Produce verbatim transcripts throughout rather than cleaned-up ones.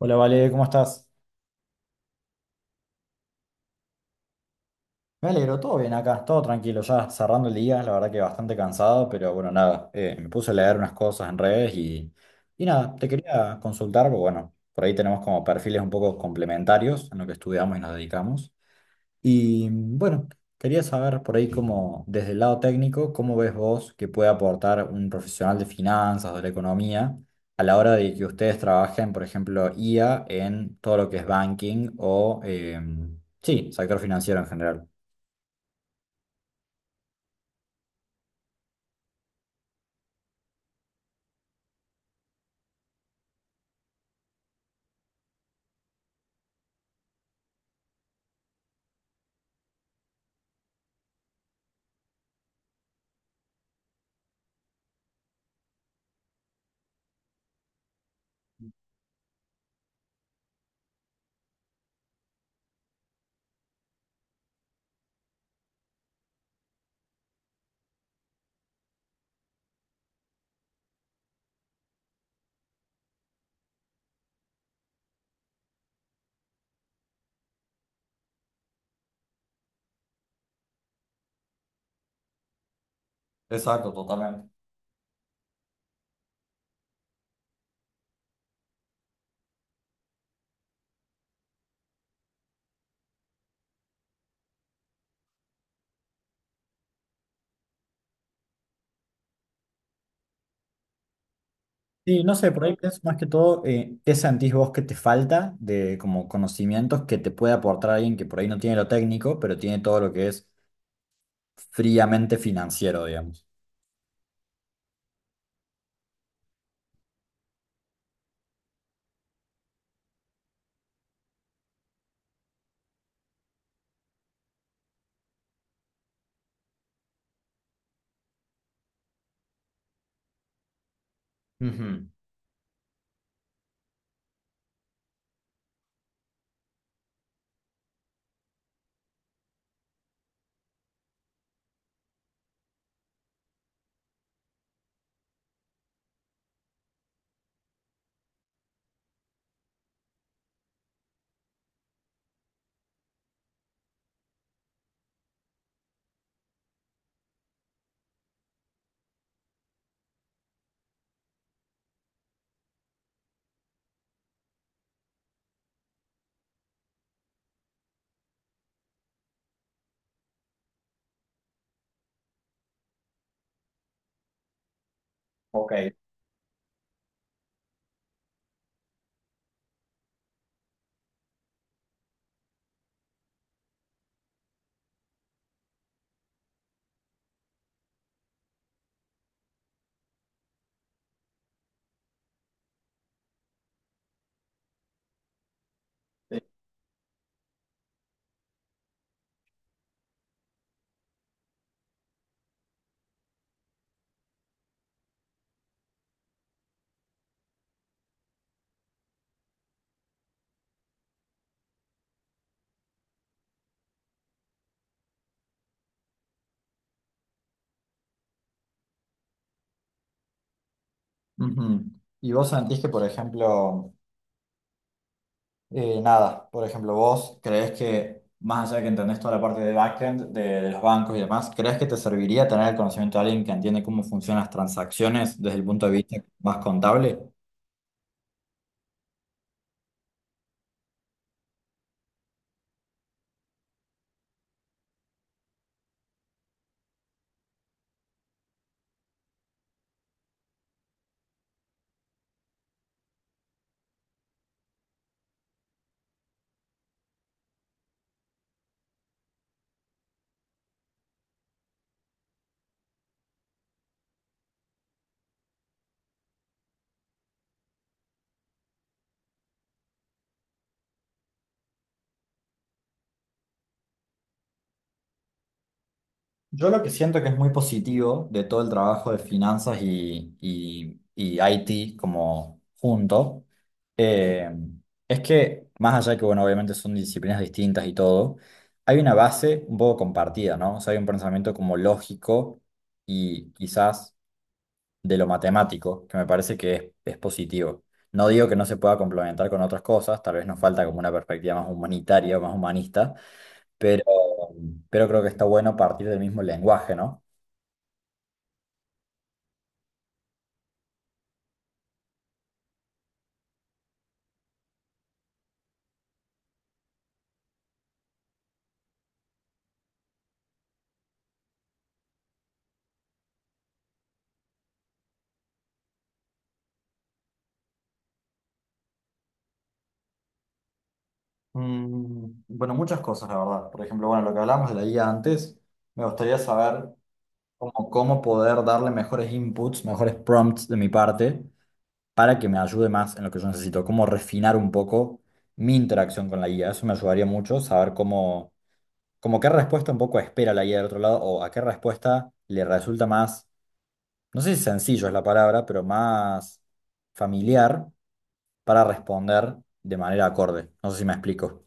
Hola, Vale, ¿cómo estás? Me alegro, todo bien acá, todo tranquilo, ya cerrando el día, la verdad que bastante cansado, pero bueno, nada, eh, me puse a leer unas cosas en redes y, y nada, te quería consultar, porque bueno, por ahí tenemos como perfiles un poco complementarios en lo que estudiamos y nos dedicamos. Y mm, bueno, quería saber por ahí cómo, desde el lado técnico, cómo ves vos que puede aportar un profesional de finanzas, o de la economía, a la hora de que ustedes trabajen, por ejemplo, I A en todo lo que es banking o, em, sí, sector financiero en general. Exacto, totalmente. Sí, no sé, por ahí pienso más que todo, eh, ¿qué sentís vos que te falta de como conocimientos que te puede aportar alguien que por ahí no tiene lo técnico, pero tiene todo lo que es fríamente financiero, digamos? Ujú. Ok. Ujú. Y vos sentís que, por ejemplo, eh, nada, por ejemplo, vos creés que, más allá de que entendés toda la parte de backend, de, de los bancos y demás, ¿creés que te serviría tener el conocimiento de alguien que entiende cómo funcionan las transacciones desde el punto de vista más contable? Yo lo que siento que es muy positivo de todo el trabajo de finanzas y, y, y I T como junto, eh, es que más allá de que, bueno, obviamente son disciplinas distintas y todo, hay una base un poco compartida, ¿no? O sea, hay un pensamiento como lógico y quizás de lo matemático, que me parece que es, es positivo. No digo que no se pueda complementar con otras cosas, tal vez nos falta como una perspectiva más humanitaria o más humanista, pero, pero creo que está bueno partir del mismo lenguaje, ¿no? Mm, Bueno, muchas cosas, la verdad. Por ejemplo, bueno, lo que hablábamos de la guía antes, me gustaría saber cómo, cómo poder darle mejores inputs, mejores prompts de mi parte para que me ayude más en lo que yo necesito, cómo refinar un poco mi interacción con la guía. Eso me ayudaría mucho, saber cómo, como qué respuesta un poco espera la guía del otro lado o a qué respuesta le resulta más, no sé si sencillo es la palabra, pero más familiar para responder de manera acorde. No sé si me explico.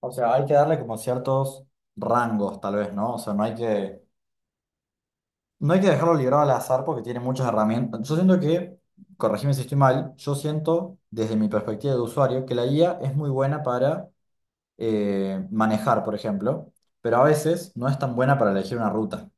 O sea, hay que darle como ciertos rangos, tal vez, ¿no? O sea, no hay que, no hay que dejarlo librado al azar porque tiene muchas herramientas. Yo siento que, corregime si estoy mal, yo siento, desde mi perspectiva de usuario, que la I A es muy buena para eh, manejar, por ejemplo, pero a veces no es tan buena para elegir una ruta.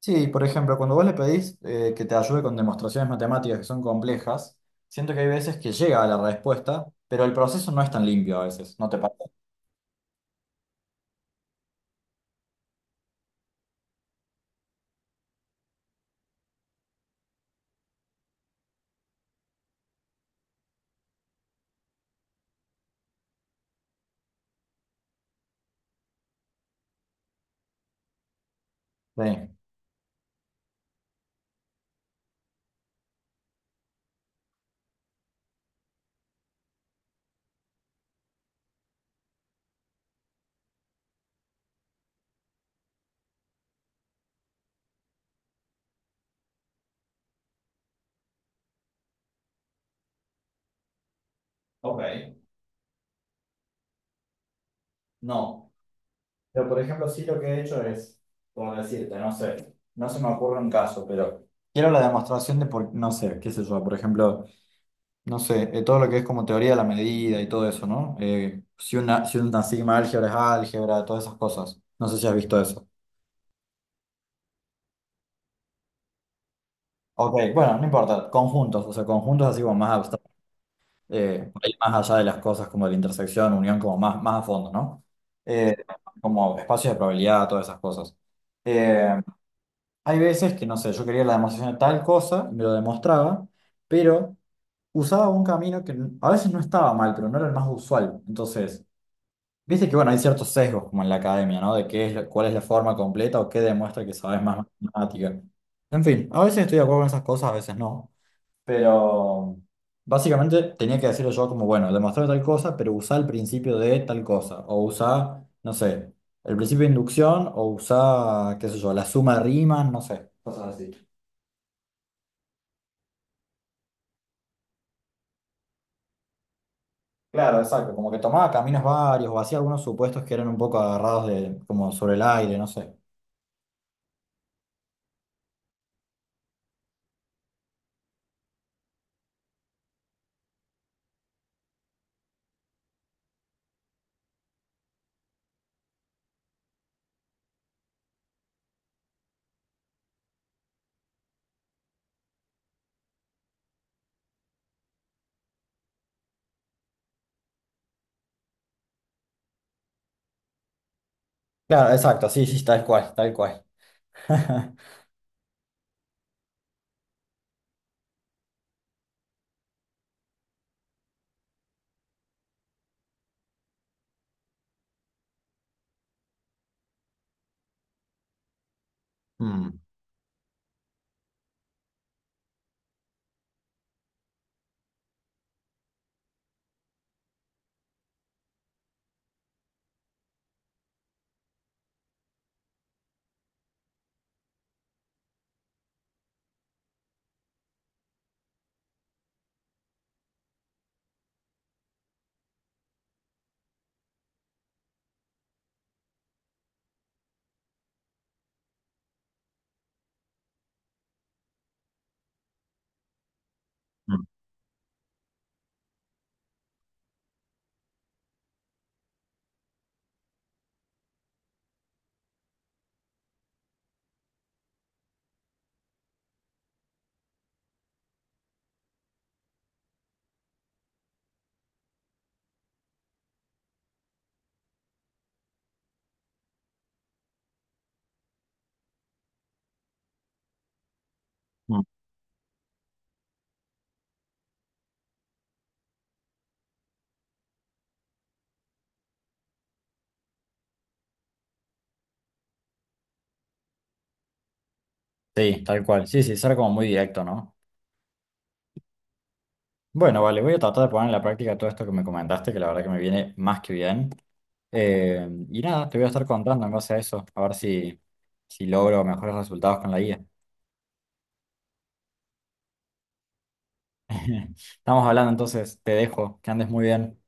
Sí, por ejemplo, cuando vos le pedís eh, que te ayude con demostraciones matemáticas que son complejas, siento que hay veces que llega a la respuesta, pero el proceso no es tan limpio a veces, ¿no te parece? Sí. Ok. No. Pero, por ejemplo, sí lo que he hecho es, por decirte, no sé, no se me ocurre un caso, pero quiero la demostración de por, no sé, qué sé yo, por ejemplo, no sé, eh, todo lo que es como teoría de la medida y todo eso, ¿no? Eh, si una, si una sigma álgebra es álgebra, todas esas cosas. No sé si has visto eso. Ok, bueno, no importa, conjuntos, o sea, conjuntos así como más abstractos, eh, por ahí más allá de las cosas como de la intersección, unión, como más, más a fondo, ¿no? Eh, como espacios de probabilidad, todas esas cosas. Eh, Hay veces que, no sé, yo quería la demostración de tal cosa, y me lo demostraba, pero usaba un camino que n- a veces no estaba mal, pero no era el más usual. Entonces, viste que, bueno, hay ciertos sesgos como en la academia, ¿no? De qué es, la- cuál es la forma completa o qué demuestra que sabes más matemática. En fin, a veces estoy de acuerdo con esas cosas, a veces no. Pero básicamente tenía que decirlo yo como, bueno, demostrar tal cosa, pero usá el principio de tal cosa. O usá, no sé, el principio de inducción o usá, qué sé yo, la suma de rimas, no sé. Cosas así. Claro, exacto, como que tomaba caminos varios o hacía algunos supuestos que eran un poco agarrados de, como sobre el aire, no sé. Claro, exacto, sí, sí, tal cual, tal cual. Mm, mm, mm. Sí, tal cual, sí, sí, ser como muy directo, ¿no? Bueno, vale, voy a tratar de poner en la práctica todo esto que me comentaste, que la verdad que me viene más que bien. Eh, y nada, te voy a estar contando en base a eso, a ver si, si logro mejores resultados con la guía. Estamos hablando entonces, te dejo, que andes muy bien.